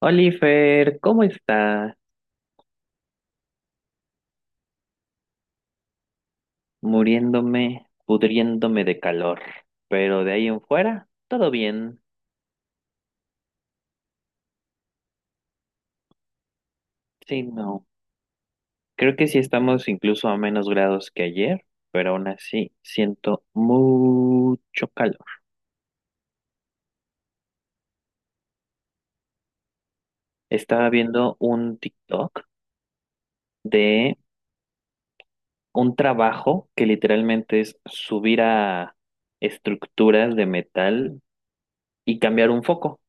Oliver, ¿cómo está? Muriéndome, pudriéndome de calor, pero de ahí en fuera, todo bien. Sí, no. Creo que sí estamos incluso a menos grados que ayer, pero aún así siento mucho calor. Estaba viendo un TikTok de un trabajo que literalmente es subir a estructuras de metal y cambiar un foco,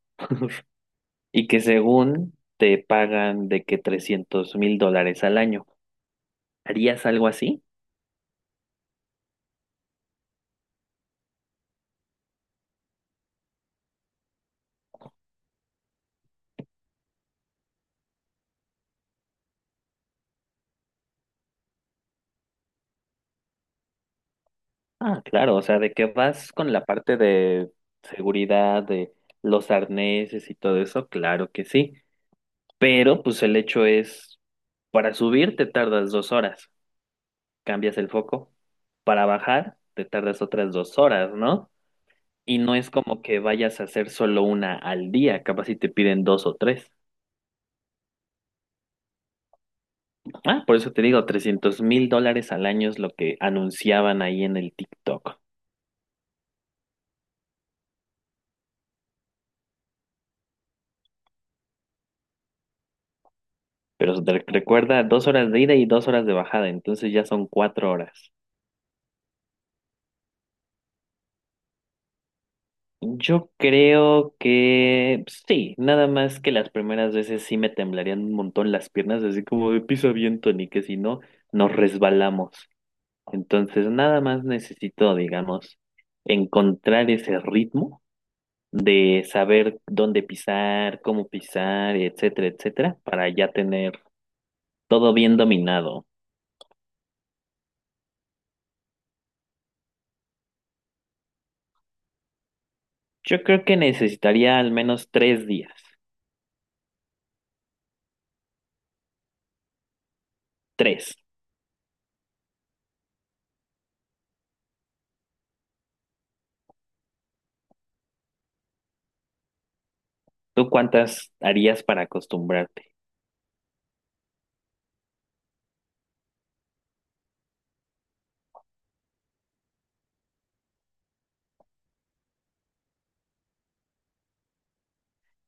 y que según te pagan de que $300,000 al año. ¿Harías algo así? Ah, claro, o sea, de que vas con la parte de seguridad, de los arneses y todo eso, claro que sí, pero pues el hecho es, para subir te tardas 2 horas, cambias el foco, para bajar te tardas otras 2 horas, ¿no? Y no es como que vayas a hacer solo una al día, capaz si te piden dos o tres. Ah, por eso te digo, $300,000 al año es lo que anunciaban ahí en el TikTok. Pero te recuerda 2 horas de ida y 2 horas de bajada, entonces ya son 4 horas. Yo creo que pues, sí, nada más que las primeras veces sí me temblarían un montón las piernas, así como de pisa bien, Tony, que si no, nos resbalamos. Entonces, nada más necesito, digamos, encontrar ese ritmo de saber dónde pisar, cómo pisar, etcétera, etcétera, para ya tener todo bien dominado. Yo creo que necesitaría al menos 3 días. Tres. ¿Tú cuántas harías para acostumbrarte?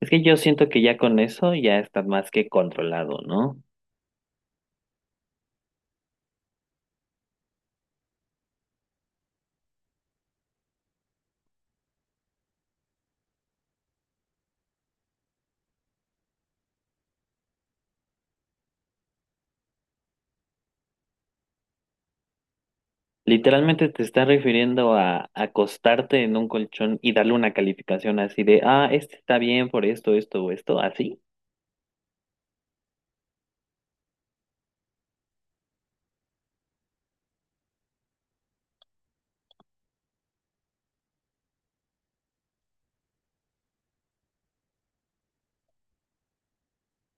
Es que yo siento que ya con eso ya estás más que controlado, ¿no? Literalmente te estás refiriendo a acostarte en un colchón y darle una calificación así de, ah, este está bien por esto, esto o esto, así.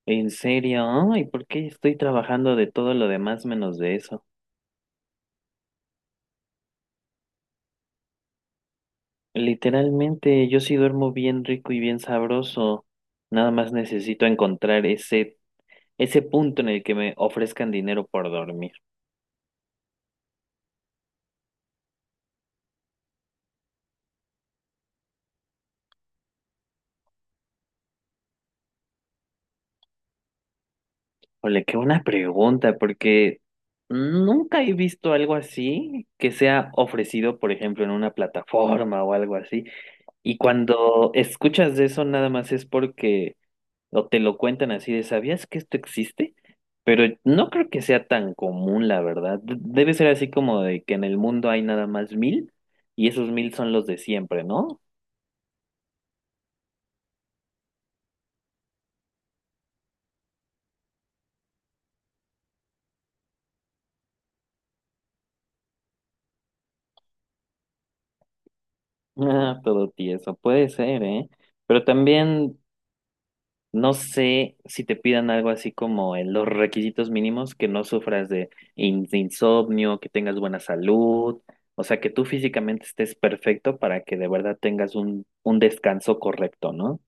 ¿En serio? ¿Y por qué estoy trabajando de todo lo demás menos de eso? Literalmente yo sí duermo bien rico y bien sabroso. Nada más necesito encontrar ese punto en el que me ofrezcan dinero por dormir. Ole, qué buena pregunta, porque nunca he visto algo así que sea ofrecido, por ejemplo, en una plataforma o algo así. Y cuando escuchas de eso, nada más es porque o te lo cuentan así de, ¿sabías que esto existe? Pero no creo que sea tan común, la verdad. Debe ser así como de que en el mundo hay nada más mil y esos mil son los de siempre, ¿no? Ah, todo tieso, puede ser, ¿eh? Pero también... No sé si te pidan algo así como en los requisitos mínimos, que no sufras de insomnio, que tengas buena salud, o sea, que tú físicamente estés perfecto para que de verdad tengas un descanso correcto, ¿no?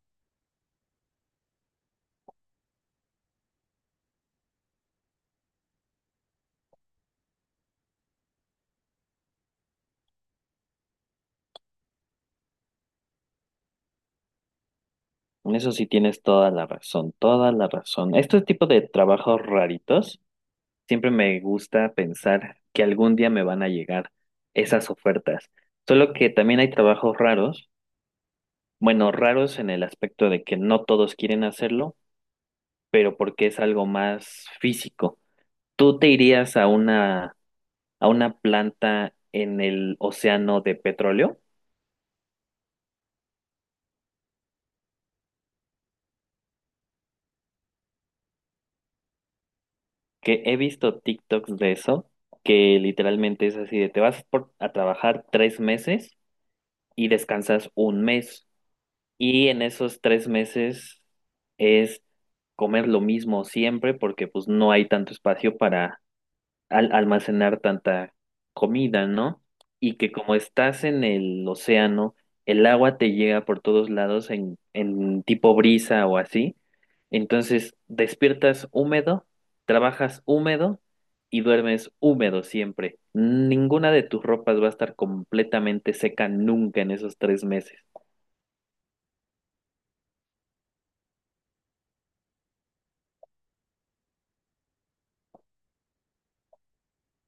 En eso sí tienes toda la razón, toda la razón. Este tipo de trabajos raritos, siempre me gusta pensar que algún día me van a llegar esas ofertas. Solo que también hay trabajos raros, bueno, raros en el aspecto de que no todos quieren hacerlo pero porque es algo más físico. ¿Tú te irías a una planta en el océano de petróleo? Que he visto TikToks de eso, que literalmente es así de te vas a trabajar 3 meses y descansas un mes. Y en esos 3 meses es comer lo mismo siempre porque pues no hay tanto espacio para al almacenar tanta comida, ¿no? Y que como estás en el océano, el agua te llega por todos lados en tipo brisa o así. Entonces despiertas húmedo, trabajas húmedo y duermes húmedo siempre. Ninguna de tus ropas va a estar completamente seca nunca en esos 3 meses.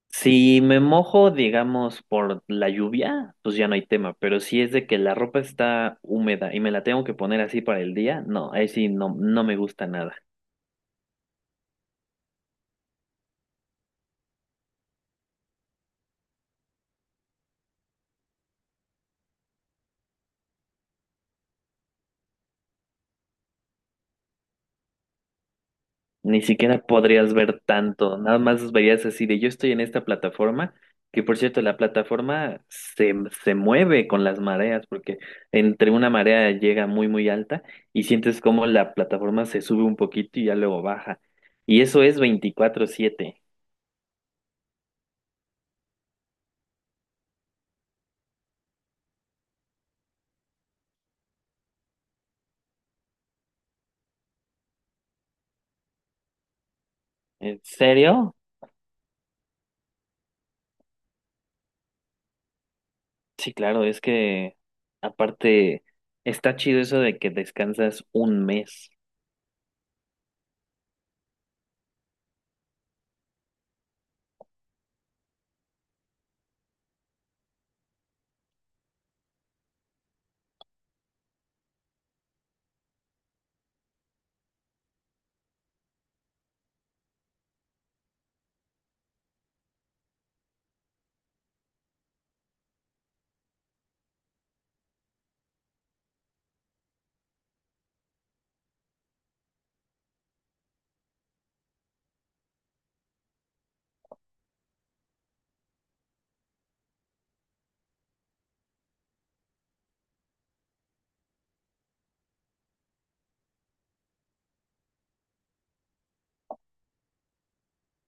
Si me mojo, digamos, por la lluvia, pues ya no hay tema, pero si es de que la ropa está húmeda y me la tengo que poner así para el día, no, ahí sí no, no me gusta nada. Ni siquiera podrías ver tanto, nada más verías así de yo estoy en esta plataforma, que por cierto, se mueve con las mareas, porque entre una marea llega muy, muy alta y sientes como la plataforma se sube un poquito y ya luego baja. Y eso es 24/7. ¿En serio? Sí, claro, es que aparte está chido eso de que descansas un mes.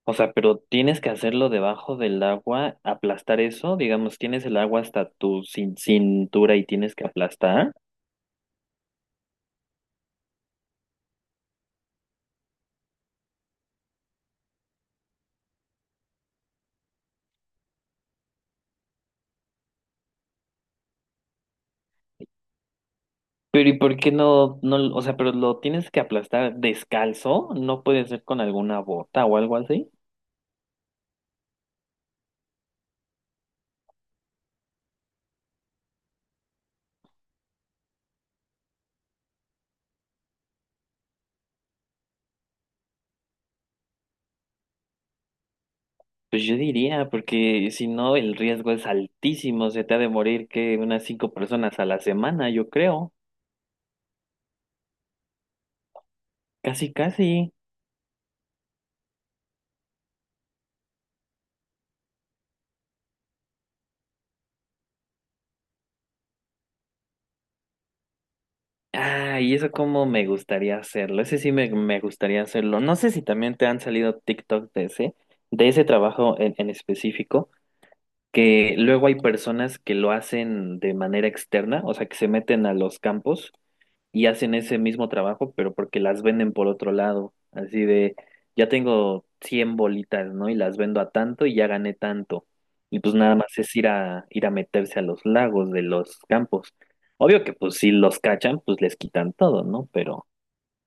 O sea, pero tienes que hacerlo debajo del agua, aplastar eso, digamos, tienes el agua hasta tu cintura y tienes que aplastar. Pero ¿y por qué no, no, o sea, pero lo tienes que aplastar descalzo? ¿No puede ser con alguna bota o algo así? Pues yo diría, porque si no, el riesgo es altísimo, se te ha de morir que unas cinco personas a la semana, yo creo. Casi, casi. Ah, y eso como me gustaría hacerlo. Ese sí me gustaría hacerlo. No sé si también te han salido TikTok de ese trabajo en específico, que luego hay personas que lo hacen de manera externa, o sea, que se meten a los campos y hacen ese mismo trabajo, pero porque las venden por otro lado, así de, ya tengo 100 bolitas, ¿no? Y las vendo a tanto y ya gané tanto. Y pues nada más es ir a, ir a meterse a los lagos de los campos. Obvio que pues si los cachan, pues les quitan todo, ¿no? Pero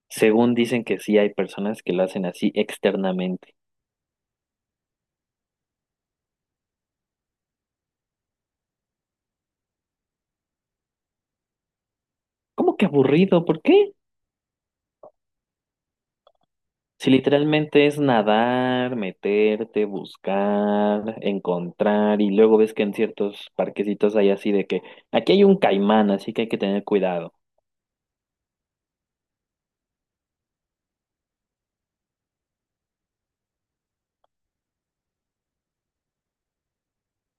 según dicen que sí hay personas que lo hacen así externamente. ¿Cómo que aburrido? ¿Por qué? Si literalmente es nadar, meterte, buscar, encontrar, y luego ves que en ciertos parquecitos hay así de que aquí hay un caimán, así que hay que tener cuidado.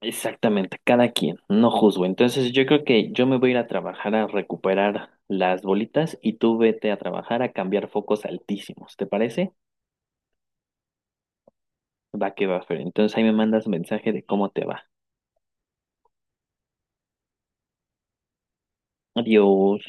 Exactamente, cada quien, no juzgo. Entonces yo creo que yo me voy a ir a trabajar a recuperar las bolitas y tú vete a trabajar a cambiar focos altísimos, ¿te parece? Va que va, Fer. Entonces ahí me mandas mensaje de cómo te va. Adiós.